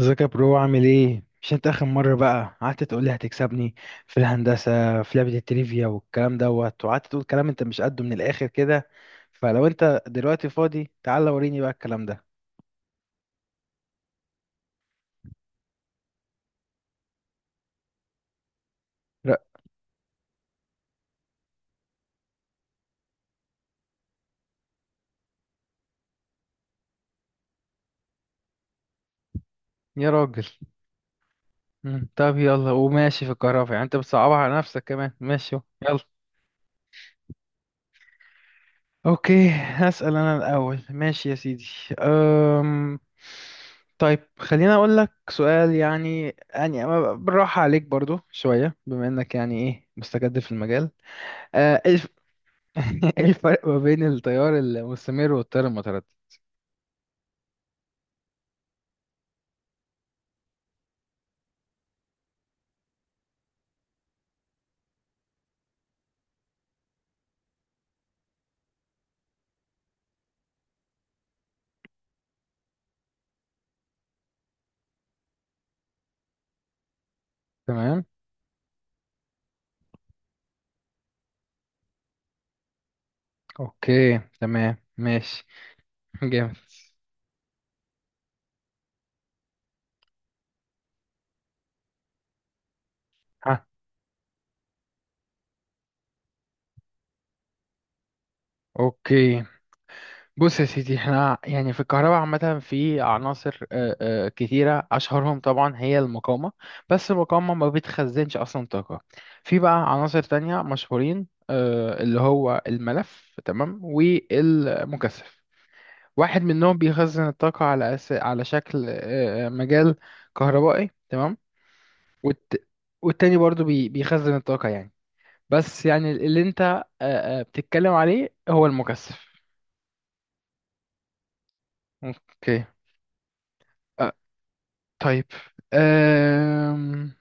ازيك يا برو، عامل ايه؟ مش انت اخر مرة بقى قعدت تقول لي هتكسبني في الهندسة في لعبة التريفيا والكلام دوت، وقعدت تقول كلام انت مش قده من الاخر كده. فلو انت دلوقتي فاضي، تعالى وريني بقى الكلام ده. لا يا راجل. طب يلا، وماشي في الكهرباء. يعني انت بتصعبها على نفسك كمان، ماشي يلا. اوكي، هسأل انا الاول، ماشي يا سيدي. أم... طيب خليني اقول لك سؤال، يعني أما بالراحة عليك برضو شوية، بما انك يعني ايه، مستجد في المجال. أه، ايه الف- إيه الفرق ما بين التيار المستمر والتيار المتردد؟ تمام. اوكي تمام ماشي. جامد. ها. اوكي، بص يا سيدي، احنا يعني في الكهرباء عامة في عناصر كتيرة، أشهرهم طبعا هي المقاومة. بس المقاومة ما بتخزنش أصلا طاقة. في بقى عناصر تانية مشهورين، اللي هو الملف، تمام، والمكثف. واحد منهم بيخزن الطاقة على على شكل مجال كهربائي، تمام. والت... والتاني برضو بيخزن الطاقة يعني، بس يعني اللي انت بتتكلم عليه هو المكثف. اوكي. طيب. أم...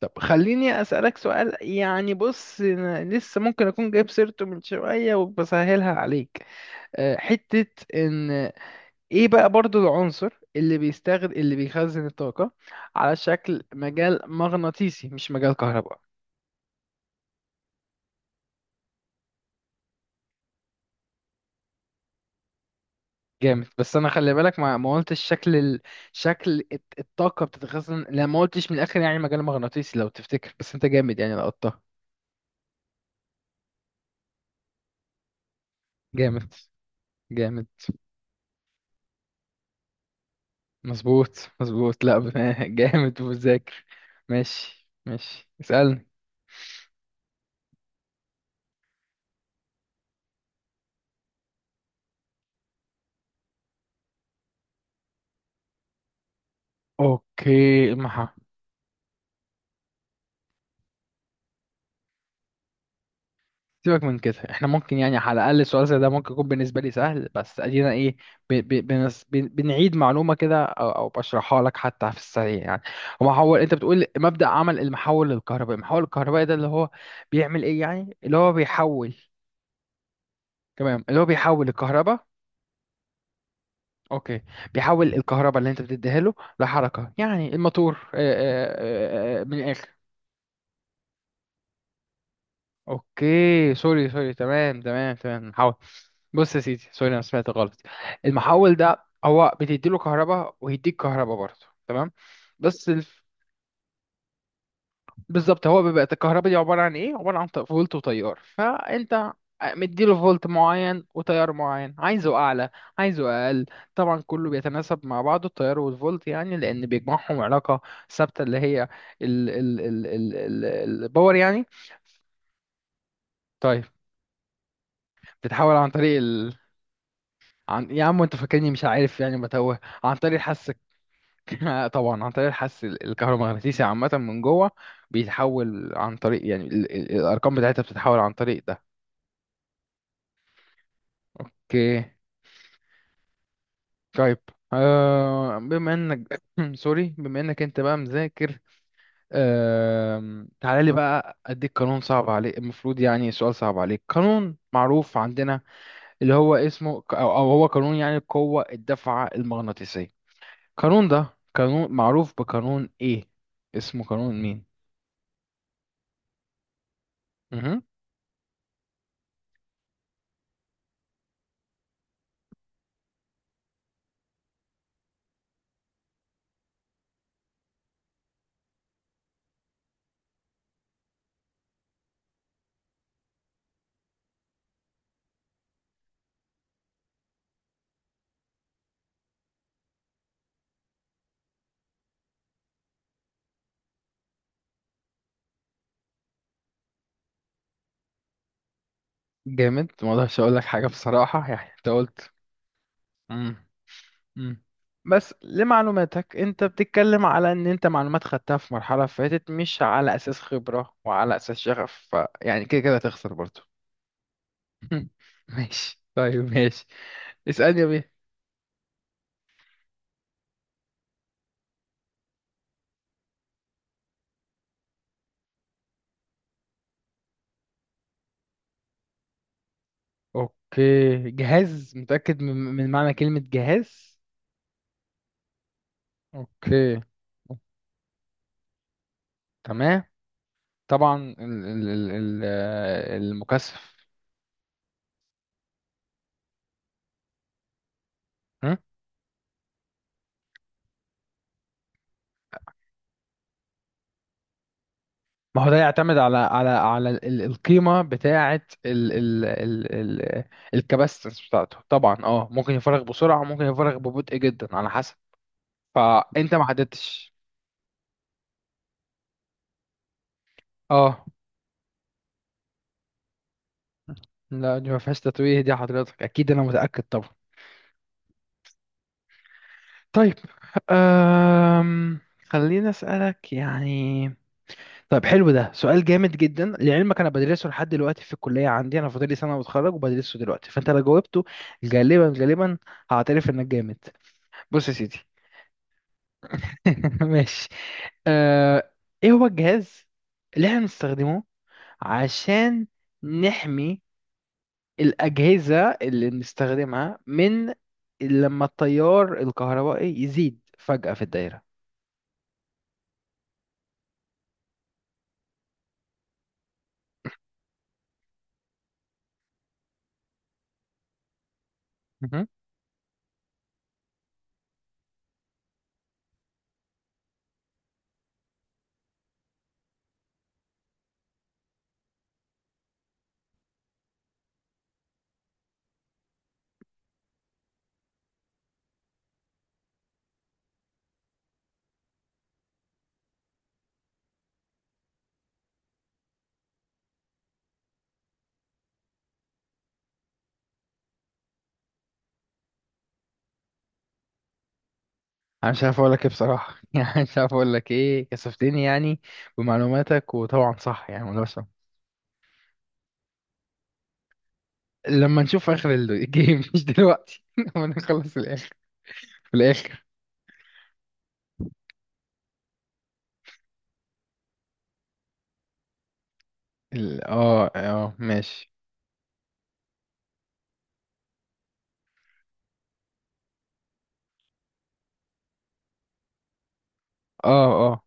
طب خليني أسألك سؤال، يعني بص أنا لسه ممكن أكون جايب سيرته من شوية وبسهلها عليك. أه، حتة إن إيه بقى برضو العنصر اللي بيستخدم، اللي بيخزن الطاقة على شكل مجال مغناطيسي، مش مجال كهرباء؟ جامد. بس أنا خلي بالك، ما قلتش شكل شكل الطاقة بتتخزن. لا، ما قلتش من الآخر يعني مجال مغناطيسي لو تفتكر. بس أنت جامد يعني، لقطتها. جامد. جامد. مظبوط، مظبوط. لا جامد وذاكر. ماشي ماشي، اسألني. اوكي، سيبك من كده. احنا ممكن يعني على الاقل السؤال زي ده ممكن يكون بالنسبه لي سهل، بس ادينا ايه ب ب بنس ب بنعيد معلومه كده أو بشرحها لك حتى في السريع يعني. ومحول، انت بتقول مبدأ عمل المحول الكهربائي. المحول الكهربائي ده اللي هو بيعمل ايه؟ يعني اللي هو بيحول. تمام، اللي هو بيحول الكهرباء. اوكي، بيحول الكهرباء اللي انت بتديها له لحركه، يعني الموتور، من الاخر. اوكي سوري سوري، تمام تمام تمام، محول. بص يا سيدي، سوري، انا سمعت غلط. المحول ده هو بتدي له كهرباء ويديك كهرباء برضه، تمام. بس بالظبط، هو بيبقى الكهرباء دي عبارة عن ايه؟ عبارة عن فولت وتيار. فانت مديله فولت معين وتيار معين، عايزه اعلى، عايزه اقل. طبعا كله بيتناسب مع بعضه التيار والفولت، يعني لان بيجمعهم علاقة ثابتة، اللي هي ال ال ال ال ال الباور يعني. طيب بتحاول عن طريق ال عن يا عم انت فاكرني مش عارف يعني متوه، عن طريق الحس طبعا عن طريق الحس الكهرومغناطيسي عامة من جوه. بيتحول عن طريق يعني الارقام بتاعتها بتتحول عن طريق ده. اوكي. طيب. آه، بما انك سوري، بما انك انت بقى مذاكر، آه تعالى لي بقى اديك قانون صعب عليك، المفروض يعني سؤال صعب عليك. قانون معروف عندنا اللي هو اسمه ك- او أو هو قانون يعني قوة الدفعة المغناطيسية. القانون ده قانون معروف بقانون ايه؟ اسمه قانون مين؟ مهم. جامد، ما اقدرش اقول لك حاجة بصراحة، يعني انت قلت. مم. مم. بس لمعلوماتك، انت بتتكلم على ان انت معلومات خدتها في مرحلة فاتت، مش على اساس خبرة وعلى اساس شغف، فيعني كده كده هتخسر برضو. ماشي طيب، ماشي اسألني يا بيه. اوكي، جهاز؟ متأكد من معنى كلمة جهاز؟ اوكي، تمام. طبعا المكثف. ما هو ده يعتمد على القيمة بتاعة ال ال ال ال الكباستنس بتاعته طبعا. اه، ممكن يفرغ بسرعة ممكن يفرغ ببطء جدا، على حسب. فأنت ما حددتش. اه. لا دي ما فيهاش تتويه دي، حضرتك أكيد أنا متأكد طبعا. طيب. أم... خليني أسألك يعني. طيب حلو، ده سؤال جامد جدا لعلمك، أنا بدرسه لحد دلوقتي في الكلية، عندي أنا فاضلي سنة وأتخرج وبدرسه دلوقتي. فأنت لو جاوبته غالبا غالبا، هعترف إنك جامد. بص يا سيدي، ماشي. آه، ايه هو الجهاز اللي احنا بنستخدمه عشان نحمي الأجهزة اللي بنستخدمها من لما التيار الكهربائي يزيد فجأة في الدايرة؟ مهم. انا مش عارف اقول لك ايه بصراحة، يعني مش عارف اقول لك ايه، كسفتني يعني بمعلوماتك. وطبعا صح يعني ولا صح؟ لما نشوف اخر الجيم مش دلوقتي. لما نخلص الاخر، في الاخر. اه اه ماشي. اه اه،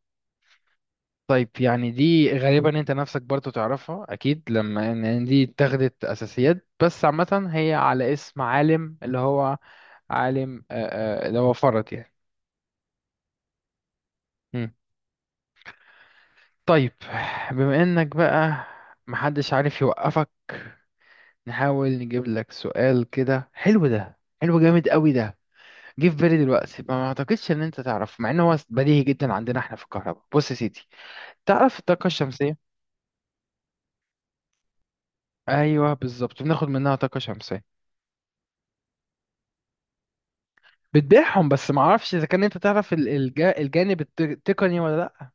طيب، يعني دي غالبا انت نفسك برضو تعرفها اكيد، لما إن دي اتخذت اساسيات، بس عامة هي على اسم عالم اللي هو عالم اللي هو فرد يعني. مم. طيب، بما انك بقى محدش عارف يوقفك، نحاول نجيب لك سؤال كده حلو. ده حلو جامد قوي ده، جه في بالي دلوقتي. ما اعتقدش ان انت تعرف، مع ان هو بديهي جدا عندنا احنا في الكهرباء. بص يا سيدي، تعرف الطاقة الشمسية؟ ايوه بالظبط، بناخد منها طاقة شمسية. بتبيعهم، بس ما اعرفش اذا كان انت تعرف الجانب التقني ولا لا.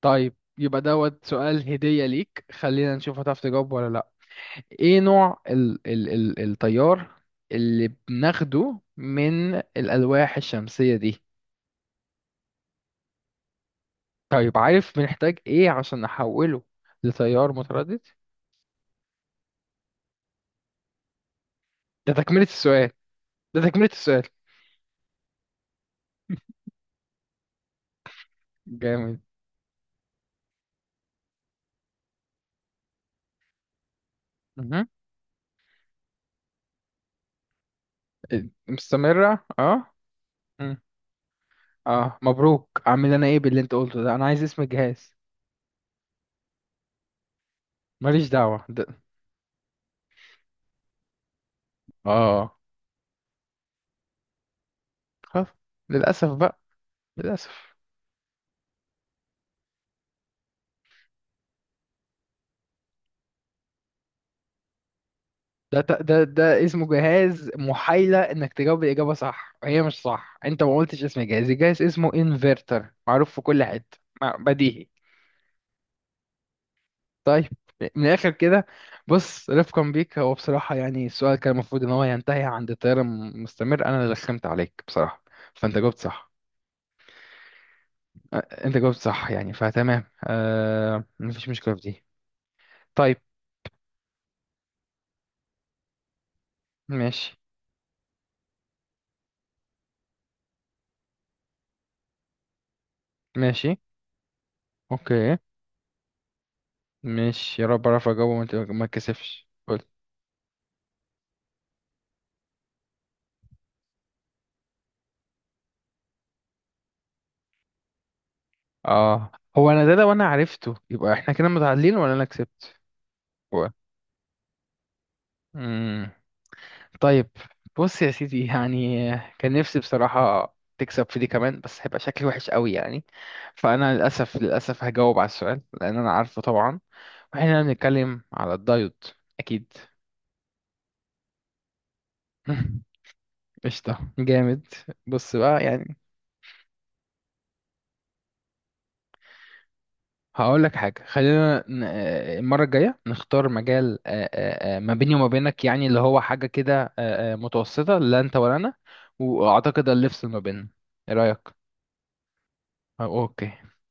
طيب يبقى دوت سؤال هدية ليك، خلينا نشوف هتعرف تجاوب ولا لا. ايه نوع ال ال ال التيار اللي بناخده من الالواح الشمسية دي؟ طيب، عارف بنحتاج ايه عشان نحوله لتيار متردد؟ ده تكملة السؤال. ده تكملة السؤال. جامد. مهم. مستمرة اه. مم. اه، مبروك، اعمل انا ايه باللي انت قلته ده؟ انا عايز اسم الجهاز. ماليش دعوة. اه. خلاص، للأسف بقى، للأسف. ده ت- ده ده اسمه جهاز محايلة انك تجاوب الإجابة صح وهي مش صح، انت ما قلتش اسم الجهاز، الجهاز اسمه انفرتر، معروف في كل حتة، بديهي. طيب، من الآخر كده، بص رفقا بيك، هو بصراحة يعني السؤال كان المفروض ان هو ينتهي عند التيار المستمر، انا اللي رخمت عليك بصراحة، فانت جاوبت صح. أ- انت جاوبت صح يعني، فتمام، آه، مفيش مشكلة في دي. طيب. ماشي ماشي. اوكي. مش يا رب اعرف اجاوبه، ما اتكسفش، قول. اه. هو انا ده لو انا عرفته يبقى احنا كده متعادلين ولا انا كسبت؟ هو. امم طيب، بص يا سيدي يعني، كان نفسي بصراحة تكسب في دي كمان، بس هيبقى شكلي وحش قوي يعني، فانا للاسف للاسف هجاوب على السؤال لان انا عارفه طبعا. واحنا بنتكلم على الدايت، اكيد. قشطة، جامد. بص بقى يعني، هقول لك حاجة، خلينا المرة الجاية نختار مجال ما بيني وما بينك يعني، اللي هو حاجة كده متوسطة لا أنت ولا أنا. وأعتقد اللي يفصل ما بيننا، إيه رأيك؟ آه، أوكي.